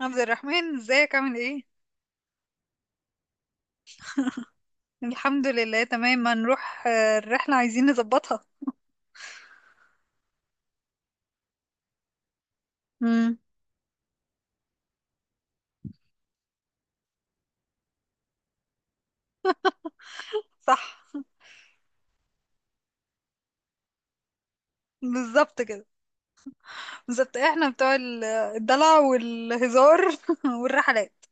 عبد الرحمن ازيك عامل ايه؟ الحمد لله تمام. هنروح، الرحلة عايزين نظبطها. امم. صح، بالظبط كده. بالظبط احنا بتوع الدلع والهزار والرحلات.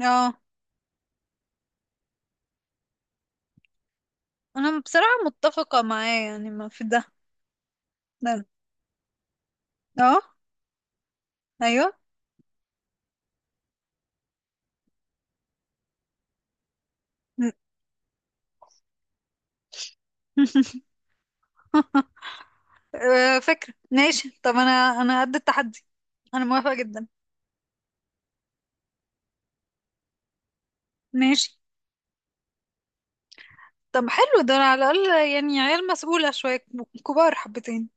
اه، انا بصراحة متفقة معاه، يعني ما في ده. ده- اه، ايوه. فكرة، ماشي. طب انا قد التحدي، انا موافقة جدا. ماشي. طب حلو ده، على الاقل يعني عيال مسؤولة شوية، كبار حبتين.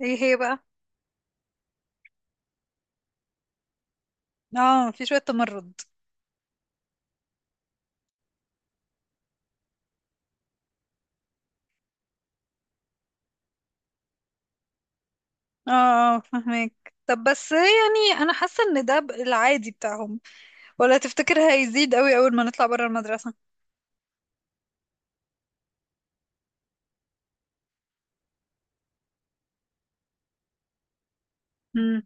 ايه هي بقى؟ اه، في شوية تمرد. اه اه فهمك. طب بس يعني انا حاسه ان ده العادي بتاعهم، ولا تفتكر هيزيد قوي اول ما نطلع بره المدرسه؟ امم.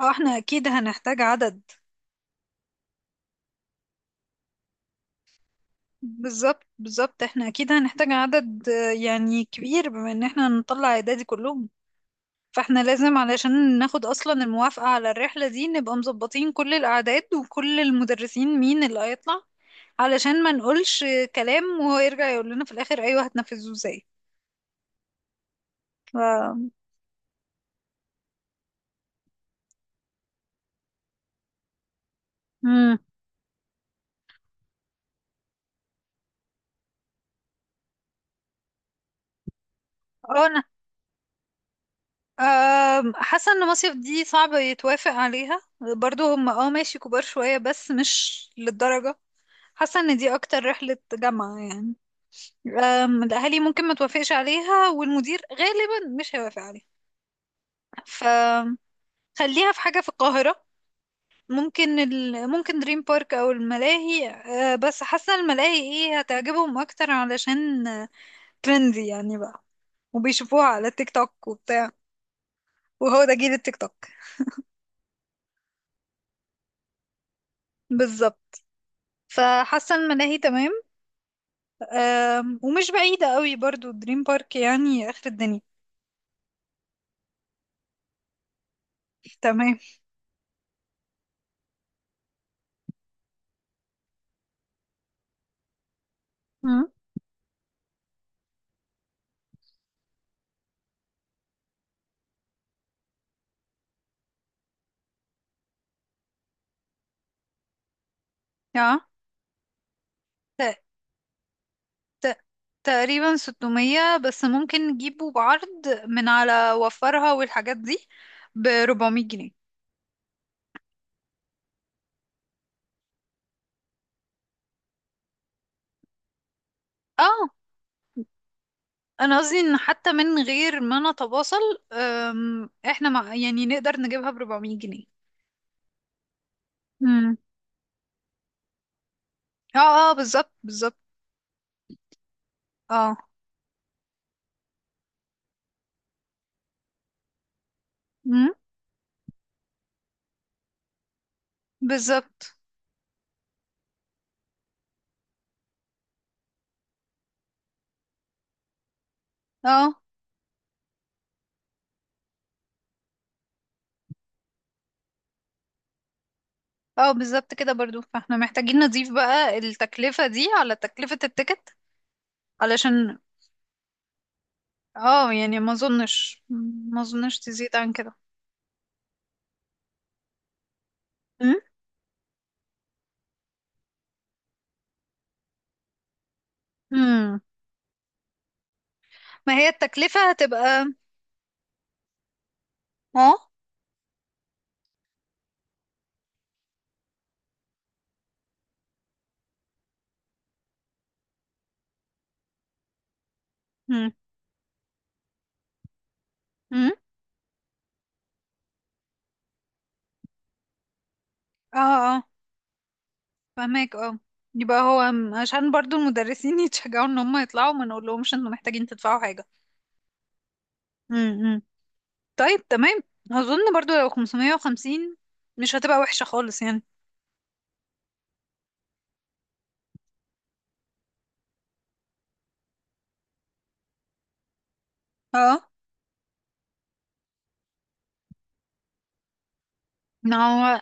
اه، احنا اكيد هنحتاج عدد. بالظبط بالظبط، احنا اكيد هنحتاج عدد يعني كبير، بما ان احنا هنطلع اعدادي كلهم. فاحنا لازم علشان ناخد اصلا الموافقه على الرحله دي، نبقى مظبطين كل الاعداد وكل المدرسين مين اللي هيطلع، علشان ما نقولش كلام وهو يرجع يقول لنا في الاخر ايوه هتنفذوه ازاي. ف... مم. اه، انا حاسة ان مصيف دي صعب يتوافق عليها. برضو هم، ماشي كبار شوية بس مش للدرجة. حاسة ان دي اكتر رحلة جامعة يعني. الاهالي ممكن ما توافقش عليها، والمدير غالبا مش هيوافق عليها، فخليها في حاجة في القاهرة. ممكن دريم بارك او الملاهي. بس حاسة الملاهي هتعجبهم اكتر، علشان ترندي يعني بقى، وبيشوفوها على التيك توك وبتاع، وهو ده جيل التيك توك. بالظبط. فحاسة الملاهي تمام. ومش بعيدة قوي برضو، دريم بارك يعني آخر الدنيا. تمام. مم. اه، ت- ت- تقريبا 600، بس ممكن نجيبه بعرض من على وفرها والحاجات دي ب 400 جنيه. اه، انا قصدي ان حتى من غير ما نتواصل، احنا مع يعني نقدر نجيبها ب 400 جنيه. مم. اه، اه بالظبط بالظبط. اه، مم، بالظبط. اه اه بالظبط كده برضو، فاحنا محتاجين نضيف بقى التكلفة دي على تكلفة التيكت علشان. اه، يعني ما اظنش تزيد عن كده. مم؟ مم. ما هي التكلفة هتبقى. اه. مم. مم. اه اه فهماك. اه، يبقى هو عشان برضو المدرسين يتشجعوا ان هم يطلعوا، ما نقولهمش انتوا محتاجين تدفعوا حاجة. مم. مم. طيب تمام. اظن برضو لو 550 مش هتبقى وحشة خالص يعني. اه، ما هو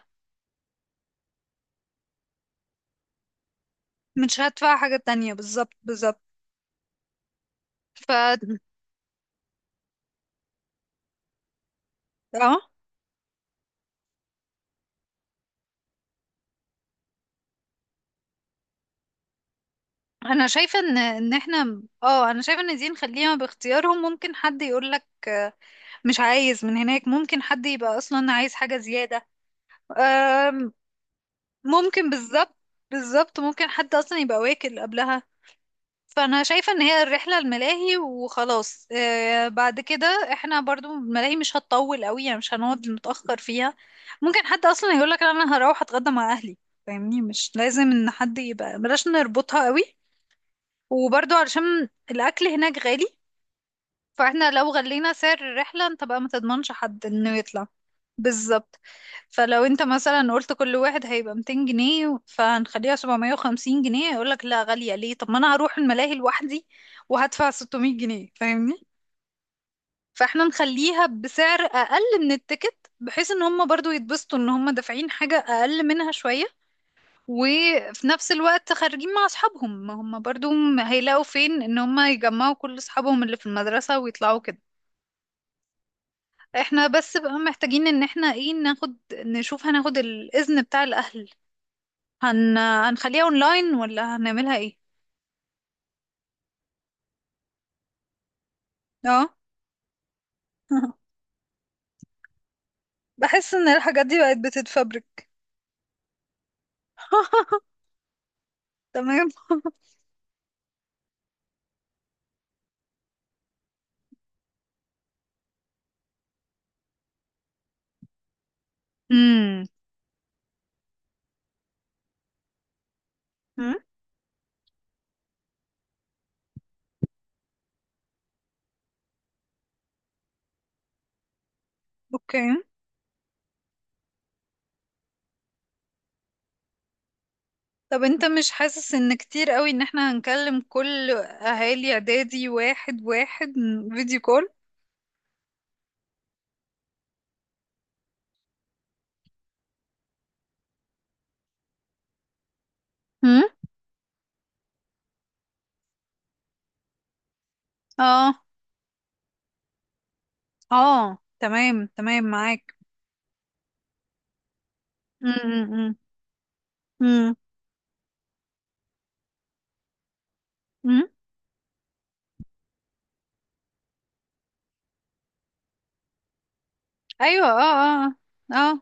مش هدفع حاجة تانية، بالظبط بالظبط. ف اه، انا شايفه ان احنا اه انا شايفه ان دي نخليها باختيارهم. ممكن حد يقول لك مش عايز من هناك، ممكن حد يبقى اصلا عايز حاجه زياده. آم، ممكن، بالظبط بالظبط. ممكن حد اصلا يبقى واكل قبلها، فانا شايفه ان هي الرحله الملاهي وخلاص. بعد كده احنا برضو الملاهي مش هتطول قوي يعني، مش هنقعد متاخر فيها. ممكن حد اصلا يقول لك انا هروح اتغدى مع اهلي، فاهمني؟ مش لازم ان حد يبقى، بلاش نربطها قوي. وبرضو علشان الأكل هناك غالي، فاحنا لو غلينا سعر الرحلة انت بقى ما تضمنش حد انه يطلع. بالظبط. فلو انت مثلا قلت كل واحد هيبقى 200 جنيه فهنخليها 750 جنيه، يقولك لا غالية ليه، طب ما انا هروح الملاهي لوحدي وهدفع 600 جنيه، فاهمني؟ فاحنا نخليها بسعر اقل من التيكت، بحيث ان هم برضو يتبسطوا ان هم دافعين حاجة اقل منها شوية، وفي نفس الوقت خارجين مع اصحابهم. ما هم برضو هيلاقوا فين ان هم يجمعوا كل اصحابهم اللي في المدرسة ويطلعوا كده. احنا بس بقى محتاجين ان احنا ايه، ناخد نشوف هناخد الاذن بتاع الاهل. هنخليها اونلاين، ولا هنعملها ايه؟ اه. بحس ان الحاجات دي بقت بتتفبرك. تمام. امم. مم؟ اوكي. طب انت مش حاسس ان كتير قوي ان احنا هنكلم كل اهالي اعدادي واحد واحد فيديو كول؟ اه اه، تمام تمام، معاك. امم. امم. امم. ايوه، اه، اه، اه آه.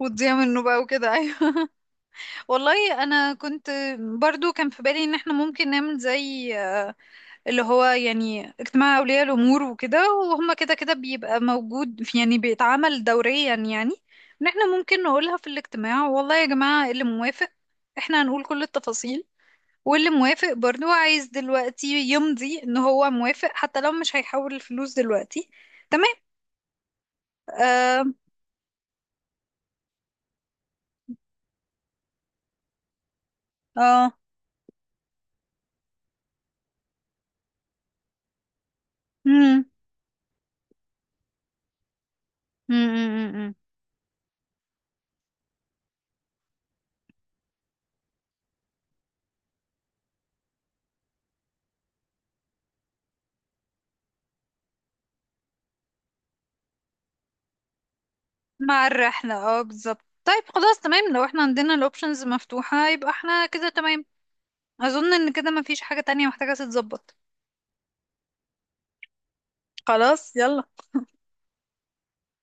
وتضيع منه بقى وكده، ايوه. والله انا كنت برضو كان في بالي ان احنا ممكن نعمل زي، اللي هو يعني اجتماع اولياء الامور وكده، وهم كده كده بيبقى موجود، يعني بيتعمل دوريا يعني. ان احنا ممكن نقولها في الاجتماع، والله يا جماعة إيه اللي موافق، احنا هنقول كل التفاصيل، واللي موافق برضو عايز دلوقتي يمضي ان هو موافق، حتى لو مش هيحول الفلوس دلوقتي. تمام. اه. اه، مم. مم، مم، مم. مع الرحلة، اه بالظبط. طيب خلاص تمام، لو احنا عندنا الاوبشنز مفتوحة، يبقى احنا كده تمام. اظن ان كده مفيش حاجة تانية محتاجة تتظبط. خلاص يلا.